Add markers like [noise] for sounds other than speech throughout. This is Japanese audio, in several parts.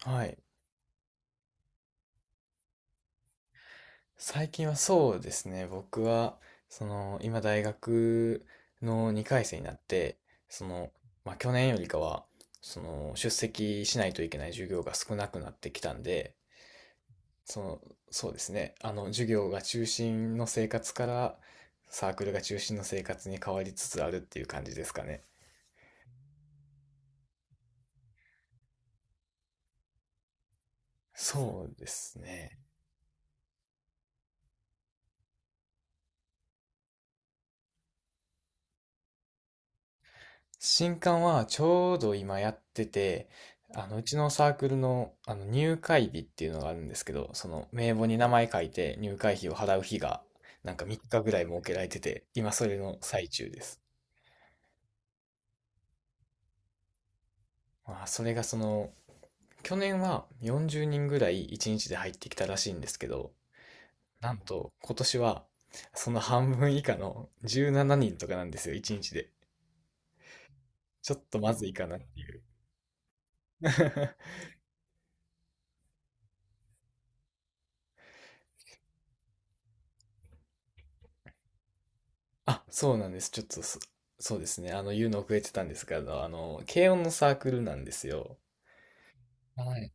はい。最近はそうですね。僕は、今大学の2回生になって、その、まあ、去年よりかは、出席しないといけない授業が少なくなってきたんで、その、そうですね。授業が中心の生活から、サークルが中心の生活に変わりつつあるっていう感じですかね。そうですね。新刊はちょうど今やってて、うちのサークルの、あの入会日っていうのがあるんですけど、その名簿に名前書いて入会費を払う日が、なんか3日ぐらい設けられてて、今それの最中です。まあ、それが去年は40人ぐらい1日で入ってきたらしいんですけど、なんと今年はその半分以下の17人とかなんですよ、1日で。ちょっとまずいかなっていう。[laughs] あ、そうなんです。ちょっとそ、そうですね。言うの遅れてたんですけど、軽音のサークルなんですよ。はい。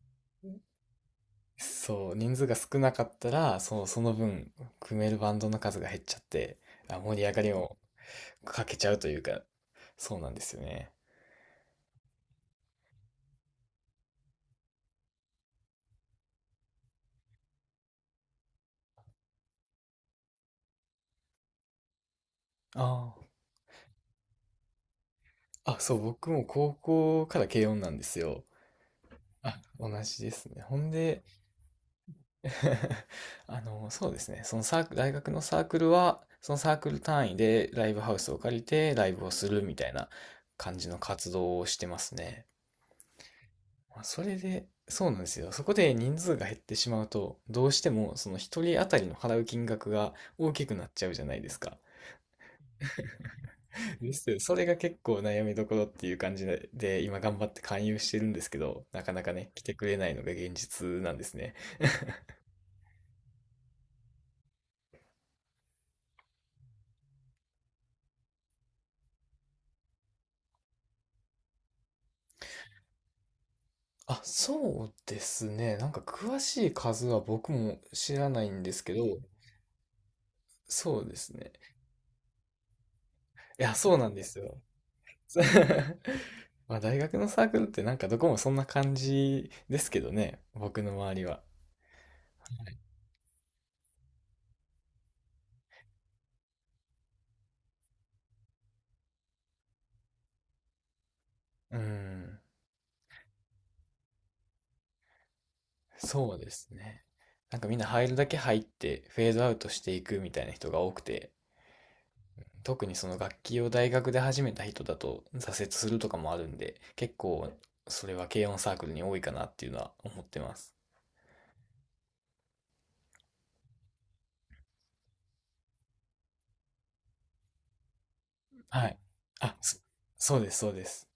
そう、人数が少なかったら、そう、その分、組めるバンドの数が減っちゃって、あ、盛り上がりをかけちゃうというか、そうなんですよね。ああ、あ、そう、僕も高校から軽音なんですよ。あ、同じですね。ほんで、[laughs] そうですね。そのサーク、大学のサークルは、そのサークル単位でライブハウスを借りてライブをするみたいな感じの活動をしてますね。まあそれで、そうなんですよ。そこで人数が減ってしまうと、どうしてもその一人当たりの払う金額が大きくなっちゃうじゃないですか。ですよ。それが結構悩みどころっていう感じで、で今頑張って勧誘してるんですけど、なかなかね、来てくれないのが現実なんですね。あ、そうですね。なんか詳しい数は僕も知らないんですけど、そうですね。いや、そうなんですよ。[laughs] まあ大学のサークルってなんかどこもそんな感じですけどね、僕の周りは。うん、そうですね。なんかみんな入るだけ入ってフェードアウトしていくみたいな人が多くて、特にその楽器を大学で始めた人だと挫折するとかもあるんで、結構それは軽音サークルに多いかなっていうのは思ってます。はい。あ、そ、そうです、そうです。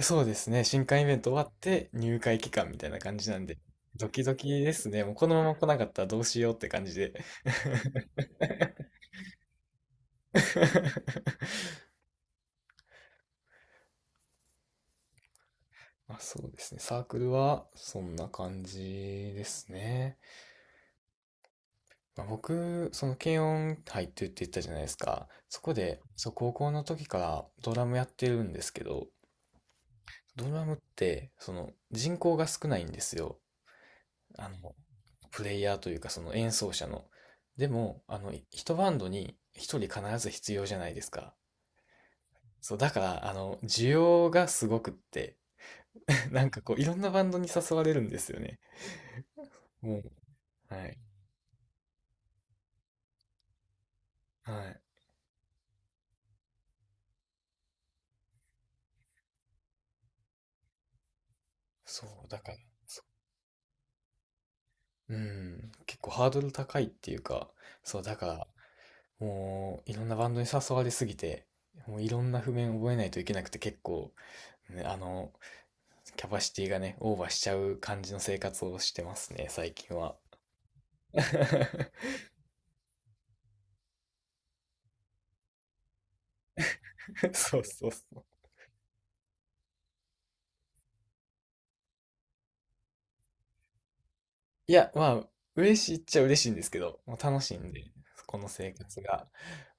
そうですね。新刊イベント終わって入会期間みたいな感じなんで、ドキドキですね。もうこのまま来なかったらどうしようって感じで。[laughs] まあ、そうですね。サークルはそんな感じですね。まあ、僕、その軽音入ってるって言ったじゃないですか。そこで、そう、高校の時からドラムやってるんですけど、ドラムって、その人口が少ないんですよ。あの、プレイヤーというかその演奏者の。でも、一バンドに一人必ず必要じゃないですか。そう、だから、需要がすごくって、[laughs] なんかこう、いろんなバンドに誘われるんですよね。もう、はい。はい。そう、だから、そううん、結構ハードル高いっていうか、そう、だから、もう、いろんなバンドに誘われすぎて、もういろんな譜面覚えないといけなくて結構、ね、キャパシティがね、オーバーしちゃう感じの生活をしてますね、最近は。[laughs] そうそうそう。いや、まあ、嬉しいっちゃ嬉しいんですけど、もう楽しいんで、この生活が。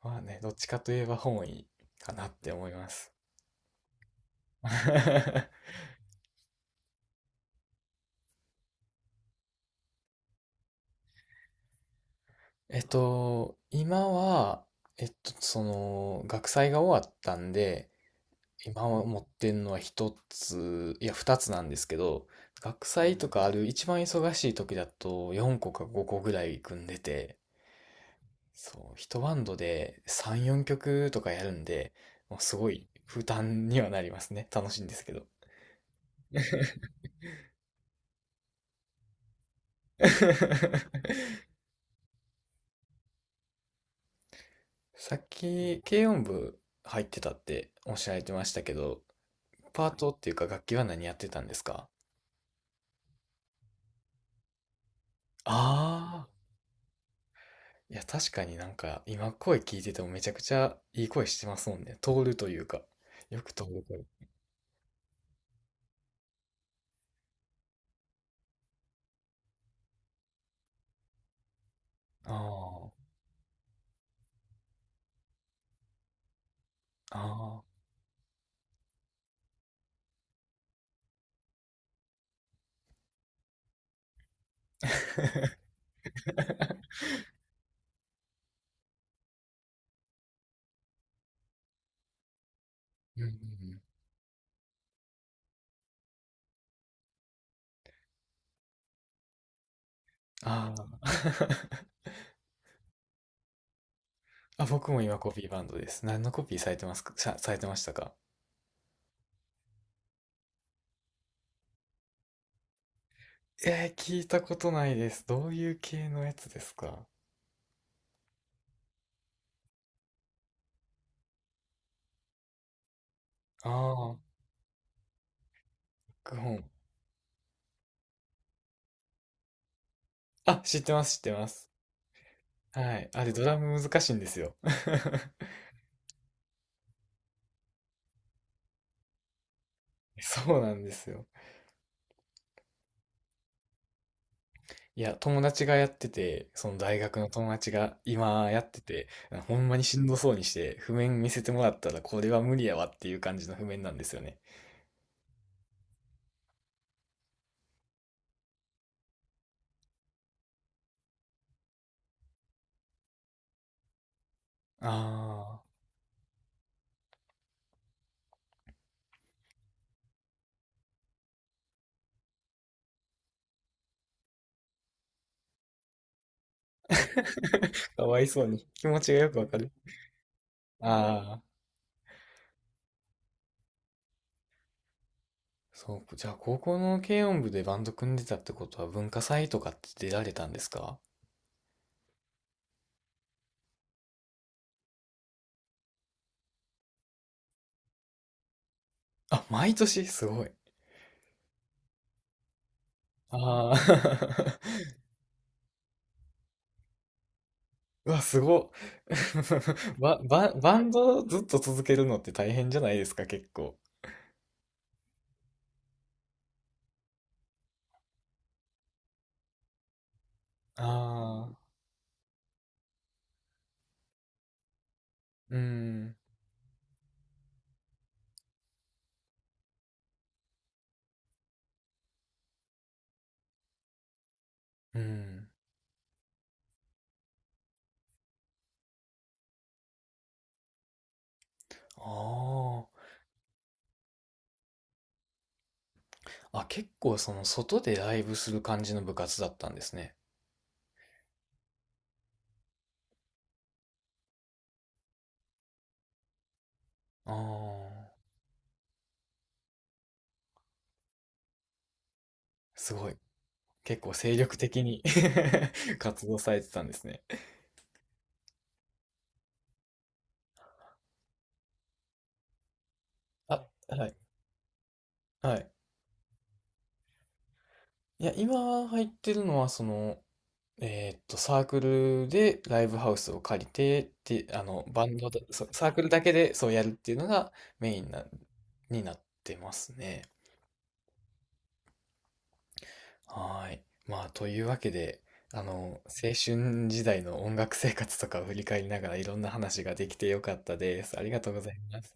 まあね、どっちかといえば本位かなって思います。[laughs] 今は、学祭が終わったんで、今持ってんのは一つ、いや二つなんですけど、学祭とかある一番忙しい時だと4個か5個ぐらい組んでて、そう、一バンドで3、4曲とかやるんで、もうすごい負担にはなりますね。楽しいんですけど。[laughs] さっき軽音部入ってたっておっしゃられてましたけど、パートっていうか楽器は何やってたんですか？あいや、確かになんか、今声聞いててもめちゃくちゃいい声してますもんね。通るというか。よく通る声。ああ、ああ。[laughs] うんうんうん。ああ。[laughs] あ、僕も今コピーバンドです。何のコピーされてますか、されてましたか？えー、聞いたことないです。どういう系のやつですか？ああ、クホン。あ、知ってます、知ってます。はい。あれ、ドラム難しいんですよ。[laughs] そうなんですよ。いや、友達がやってて、その大学の友達が今やってて、ほんまにしんどそうにして、譜面見せてもらったらこれは無理やわっていう感じの譜面なんですよね。ああ。[laughs] かわいそうに。気持ちがよくわかる。ああ。そう、じゃあ高校の軽音部でバンド組んでたってことは文化祭とかって出られたんですか？あ、毎年すごい。ああ。[laughs] うわ、すごっ。[laughs] バンドずっと続けるのって大変じゃないですか、結構。ああ、うん、うん。ああ。あ、結構その外でライブする感じの部活だったんですね。ああ、すごい。結構精力的に [laughs] 活動されてたんですね。あ、はい。はい。いや、今入ってるのはその、サークルでライブハウスを借りてって、バンドだ、そうサークルだけでそうやるっていうのがメインな、になってますね。はーい。まあ、というわけで、青春時代の音楽生活とかを振り返りながらいろんな話ができてよかったです。ありがとうございます。